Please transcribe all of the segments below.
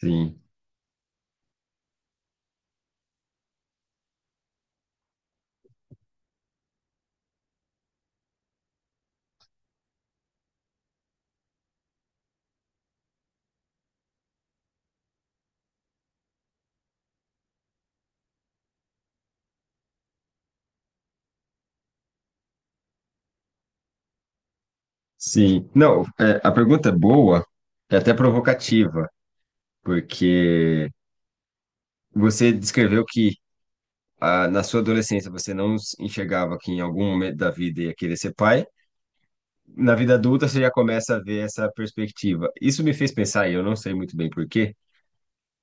Sim, sim. Não, é, a pergunta é boa, é até provocativa, porque você descreveu que na sua adolescência você não s- enxergava que em algum momento da vida ia querer ser pai. Na vida adulta você já começa a ver essa perspectiva. Isso me fez pensar, e eu não sei muito bem por quê,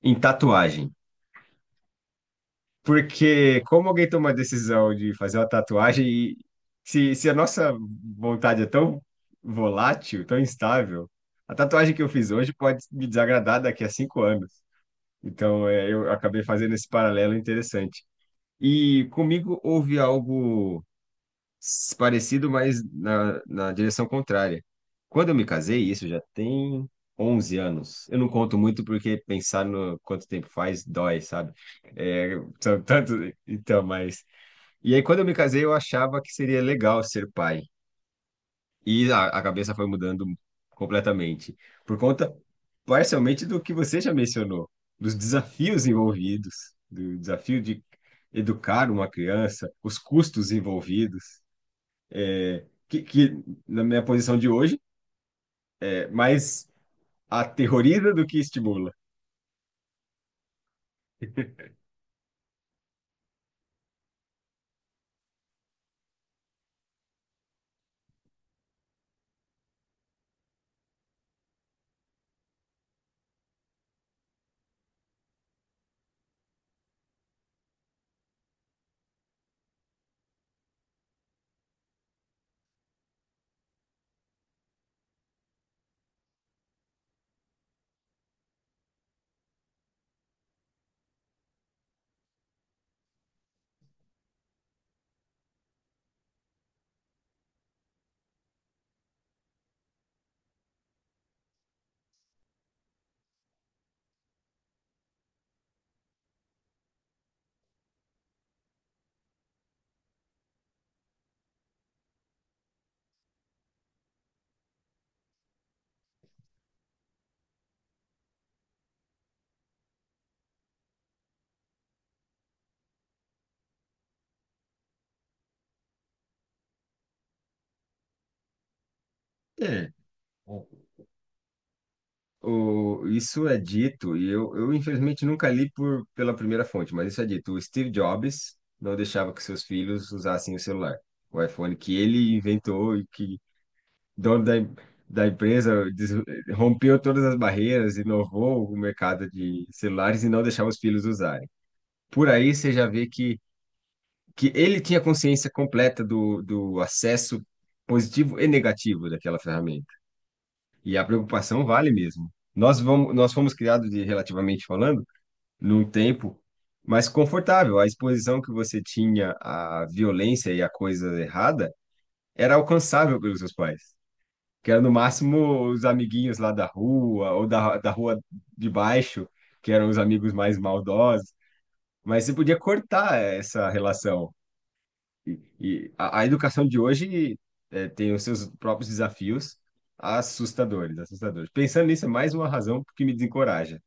em tatuagem. Porque como alguém toma a decisão de fazer uma tatuagem e se a nossa vontade é tão volátil, tão instável, a tatuagem que eu fiz hoje pode me desagradar daqui a 5 anos. Então, é, eu acabei fazendo esse paralelo interessante. E comigo houve algo parecido, mas na direção contrária. Quando eu me casei, isso já tem 11 anos. Eu não conto muito porque pensar no quanto tempo faz dói, sabe? É, são tanto, então, mas. E aí, quando eu me casei, eu achava que seria legal ser pai. E a cabeça foi mudando completamente. Por conta, parcialmente, do que você já mencionou, dos desafios envolvidos, do desafio de educar uma criança, os custos envolvidos que na minha posição de hoje é mais aterroriza do que estimula. É. Bom, isso é dito, e eu infelizmente nunca li pela primeira fonte, mas isso é dito. O Steve Jobs não deixava que seus filhos usassem o celular, o iPhone que ele inventou e que dono da, em- da empresa des- rompeu todas as barreiras, inovou o mercado de celulares e não deixava os filhos usarem. Por aí você já vê que ele tinha consciência completa do, do acesso positivo e negativo daquela ferramenta. E a preocupação vale mesmo. Nós fomos criados, de, relativamente falando, num tempo mais confortável. A exposição que você tinha à violência e à coisa errada era alcançável pelos seus pais. Que era no máximo os amiguinhos lá da rua, ou da rua de baixo, que eram os amigos mais maldosos. Mas você podia cortar essa relação. E a educação de hoje tem os seus próprios desafios assustadores, assustadores. Pensando nisso, é mais uma razão que me desencoraja.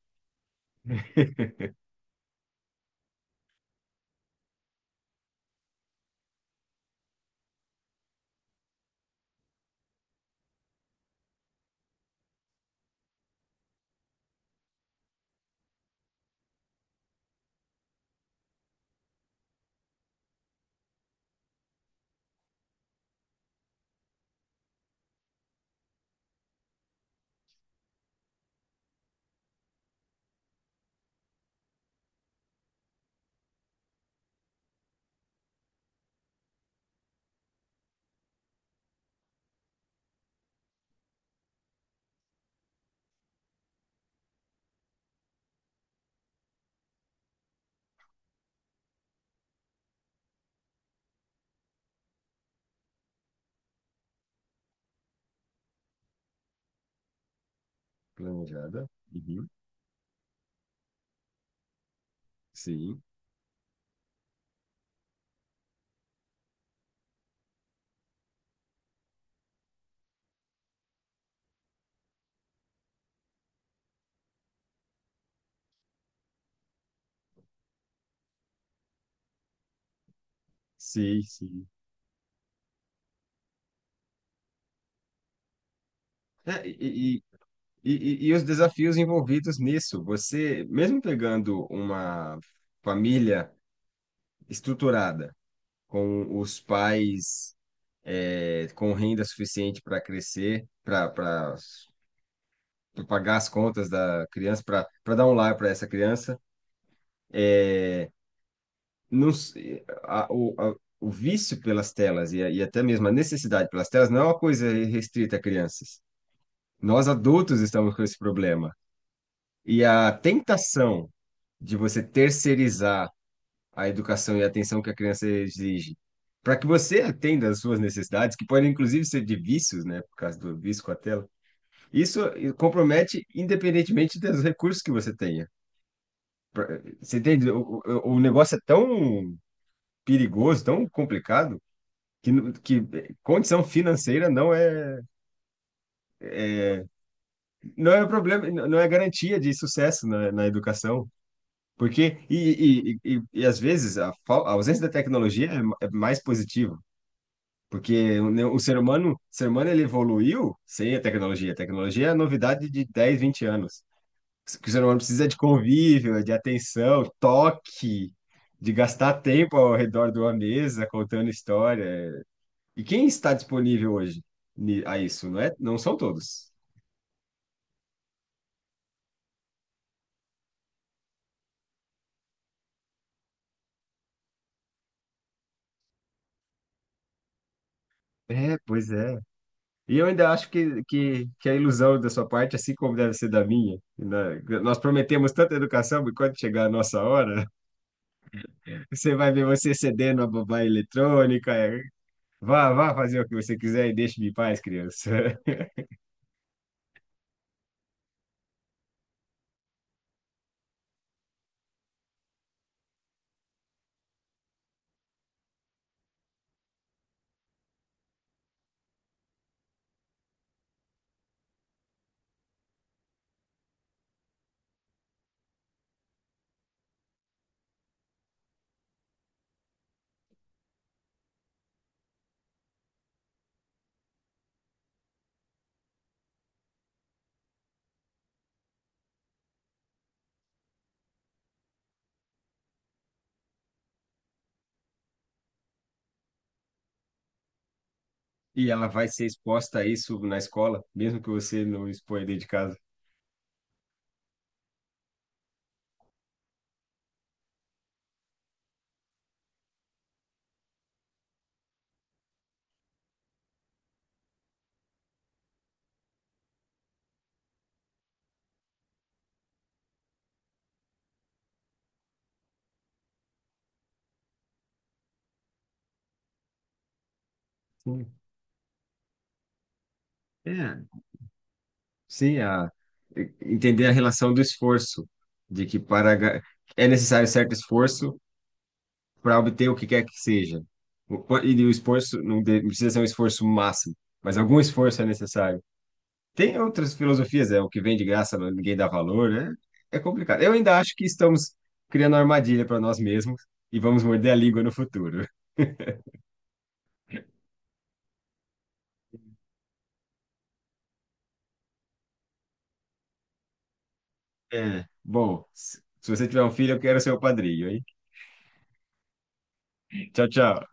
Planejada. Uhum. Sim, sim, sim. É, e, e, e os desafios envolvidos nisso. Você, mesmo pegando uma família estruturada, com os pais com renda suficiente para crescer, para pagar as contas da criança, para dar um lar para essa criança, o vício pelas telas e até mesmo a necessidade pelas telas não é uma coisa restrita a crianças. Nós adultos estamos com esse problema. E a tentação de você terceirizar a educação e a atenção que a criança exige, para que você atenda às suas necessidades, que podem inclusive ser de vícios, né, por causa do vício com a tela, isso compromete independentemente dos recursos que você tenha. Você entende? O negócio é tão perigoso, tão complicado que condição financeira não é um problema, não é garantia de sucesso na, na educação. Porque, e- E às vezes, a ausência da tecnologia é, é mais positiva. Porque o ser humano ele evoluiu sem a tecnologia. A tecnologia é a novidade de 10, 20 anos. O que o ser humano precisa é de convívio, é de atenção, toque, de gastar tempo ao redor de uma mesa contando história. E quem está disponível hoje a isso? Não é? Não são todos. É, pois é. E eu ainda acho que a ilusão da sua parte, assim como deve ser da minha, né? Nós prometemos tanta educação, mas quando chegar a nossa hora, você vai ver você cedendo a babá eletrônica. É, vá fazer o que você quiser e deixe-me em paz, criança. E ela vai ser exposta a isso na escola, mesmo que você não exponha dentro de casa. Sim. É, sim, a, entender a relação do esforço, de que para ga- é necessário certo esforço para obter o que quer que seja. E o esforço não precisa ser um esforço máximo, mas algum esforço é necessário. Tem outras filosofias, é o que vem de graça, mas ninguém dá valor, né? É complicado. Eu ainda acho que estamos criando armadilha para nós mesmos e vamos morder a língua no futuro. É. Bom, se você tiver um filho, eu quero ser o padrinho, hein? Tchau, tchau.